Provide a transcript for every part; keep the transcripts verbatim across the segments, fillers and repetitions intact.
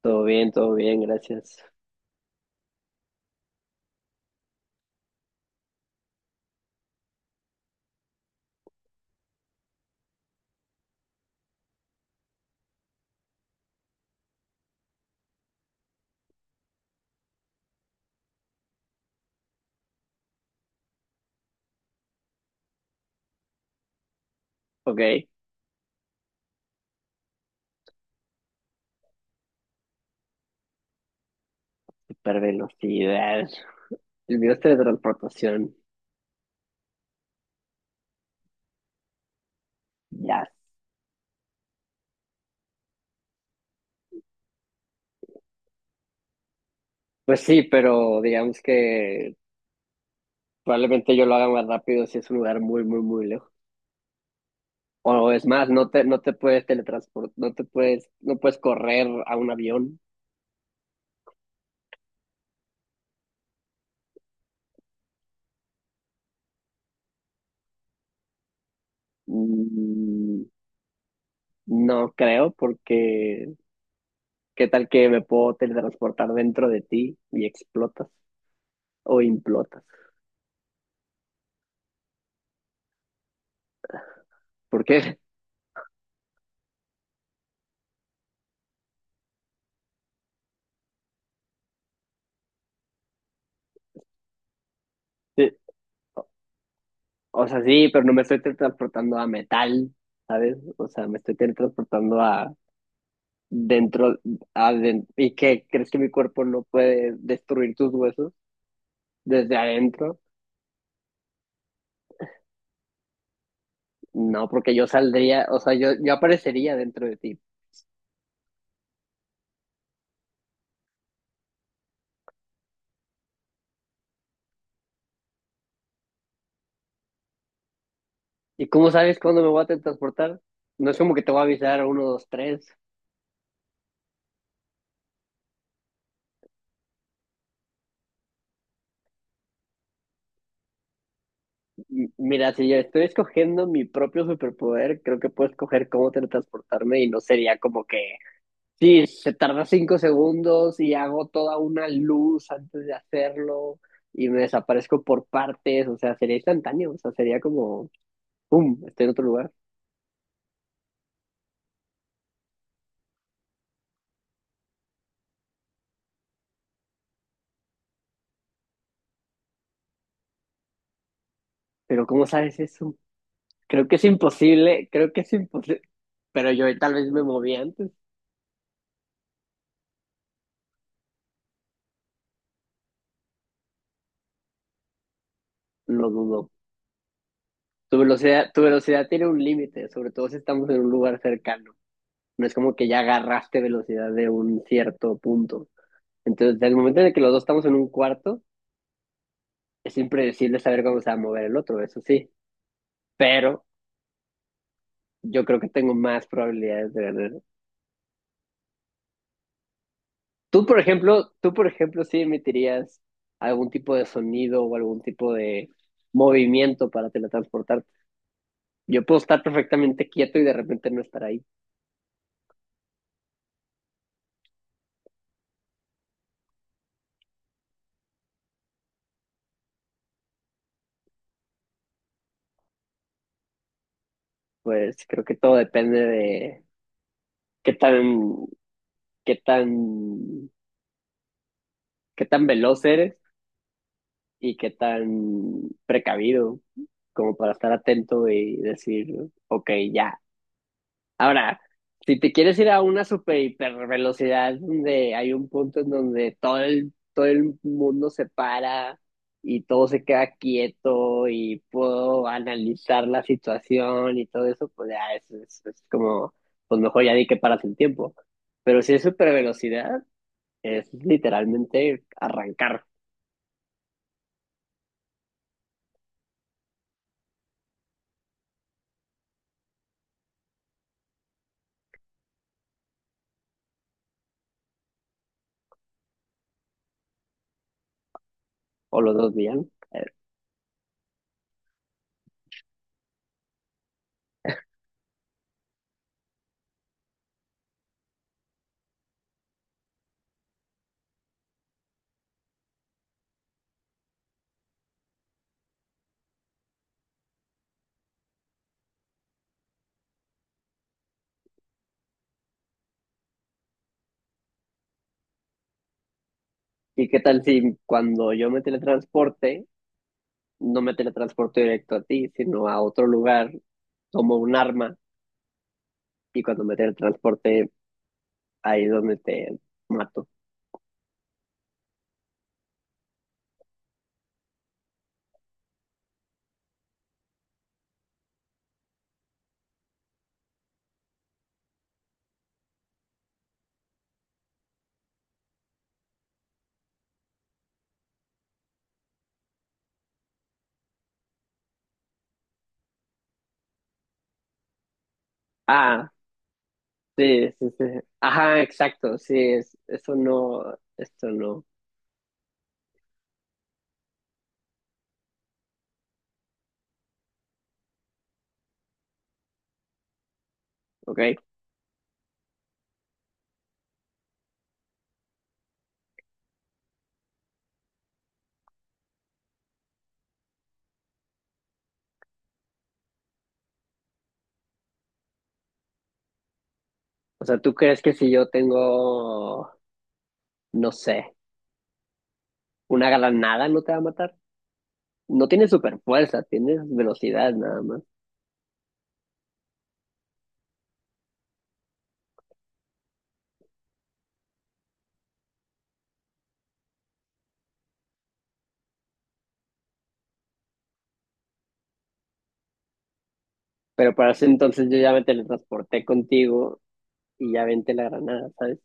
Todo bien, todo bien, gracias. Ok, super velocidad. El video es teletransportación. Ya. Pues sí, pero digamos que probablemente yo lo haga más rápido si es un lugar muy, muy, muy lejos. O es más, no te, no te puedes teletransportar, no te puedes, no puedes correr a un avión. Mm, no creo, porque qué tal que me puedo teletransportar dentro de ti y explotas o implotas. ¿Por qué? O sea, sí, pero no me estoy teletransportando a metal, ¿sabes? O sea, me estoy teletransportando a dentro, a den- ¿y qué? ¿Crees que mi cuerpo no puede destruir tus huesos desde adentro? No, porque yo saldría, o sea, yo, yo aparecería dentro de ti. ¿Y cómo sabes cuándo me voy a teletransportar? No es como que te voy a avisar uno, dos, tres. M- Mira, si yo estoy escogiendo mi propio superpoder, creo que puedo escoger cómo teletransportarme, y no sería como que sí, se tarda cinco segundos y hago toda una luz antes de hacerlo y me desaparezco por partes. O sea, sería instantáneo, o sea, sería como, ¡pum!, estoy en otro lugar. Pero ¿cómo sabes eso? Creo que es imposible, creo que es imposible, pero yo tal vez me moví antes, lo dudo. Tu velocidad, tu velocidad tiene un límite, sobre todo si estamos en un lugar cercano. No es como que ya agarraste velocidad de un cierto punto. Entonces, desde el momento en el que los dos estamos en un cuarto, es impredecible saber cómo se va a mover el otro, eso sí, pero yo creo que tengo más probabilidades de ganar. Tú, por ejemplo, tú, por ejemplo, sí emitirías algún tipo de sonido o algún tipo de movimiento para teletransportarte. Yo puedo estar perfectamente quieto y de repente no estar ahí. Pues creo que todo depende de qué tan, qué tan, qué tan veloz eres y qué tan precavido como para estar atento y decir, ok, ya. Ahora, si te quieres ir a una super hiper velocidad donde hay un punto en donde todo el, todo el mundo se para y todo se queda quieto y puedo analizar la situación y todo eso, pues ya es, es- es como, pues mejor ya di que paras el tiempo. Pero si es super velocidad, es literalmente arrancar o los dos días, ¿no? Eh, ¿Y qué tal si cuando yo me teletransporte no me teletransporto directo a ti, sino a otro lugar, tomo un arma, y cuando me teletransporte ahí es donde te mato? Ah, sí, sí, sí. Ajá, exacto, sí, es, eso no, esto no, ok. O sea, ¿tú crees que si yo tengo, no sé, una granada no te va a matar? No tienes super fuerza, tienes velocidad nada más. Pero para ese entonces yo ya me teletransporté contigo y ya vente la granada, ¿sabes?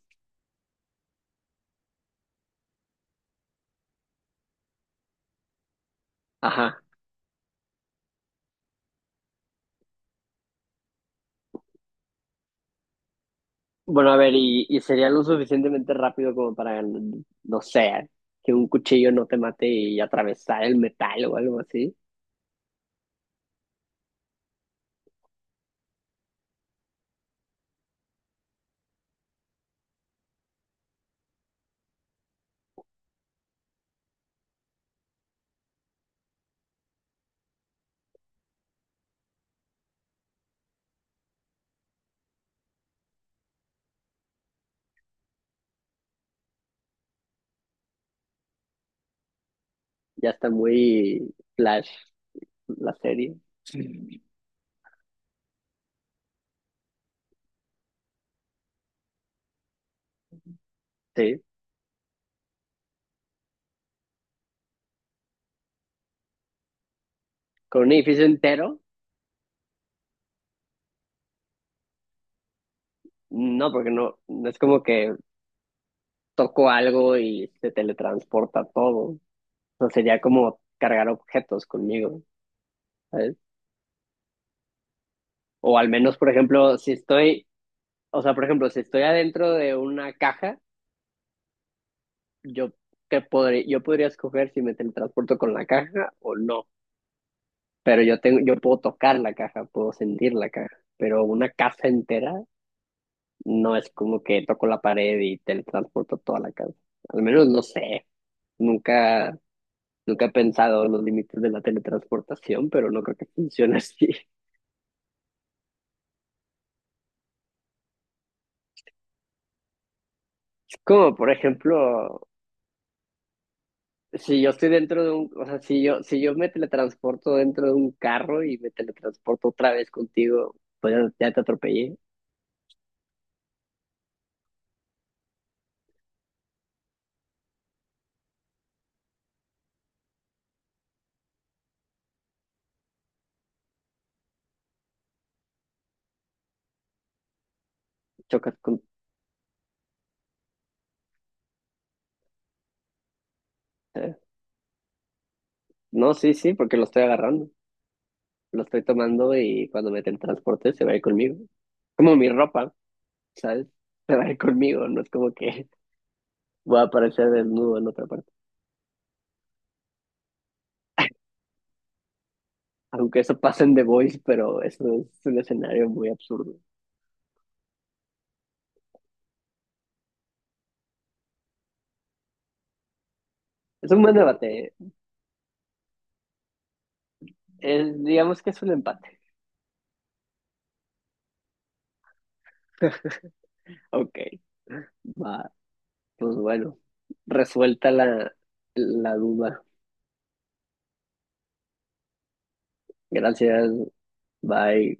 Ajá. Bueno, a ver, y, y sería lo suficientemente rápido como para, no sé, que un cuchillo no te mate y atravesar el metal o algo así. Ya está muy flash la serie, sí. Con un edificio entero, no, porque no, no es como que toco algo y se teletransporta todo. O sea, sería como cargar objetos conmigo, ¿sabes? O al menos, por ejemplo, si estoy, o sea, por ejemplo, si estoy adentro de una caja. Yo, te podré, yo podría escoger si me teletransporto con la caja o no, pero yo, tengo, yo puedo tocar la caja, puedo sentir la caja, pero una casa entera no es como que toco la pared y teletransporto toda la casa. Al menos no sé, nunca, nunca he pensado en los límites de la teletransportación, pero no creo que funcione así. Es como, por ejemplo, si yo estoy dentro de un, o sea, si yo, si yo me teletransporto dentro de un carro y me teletransporto otra vez contigo, pues ya ya te atropellé. Chocas con... eh, no, sí, sí, porque lo estoy agarrando, lo estoy tomando, y cuando mete el transporte se va a ir conmigo. Como mi ropa, ¿sabes? Se va a ir conmigo, no es como que voy a aparecer desnudo en otra parte. Aunque eso pasa en The Voice, pero eso es un escenario muy absurdo. Es un buen debate, es- digamos que es un empate. Ok, va, pues bueno, resuelta la, la duda. Gracias, bye.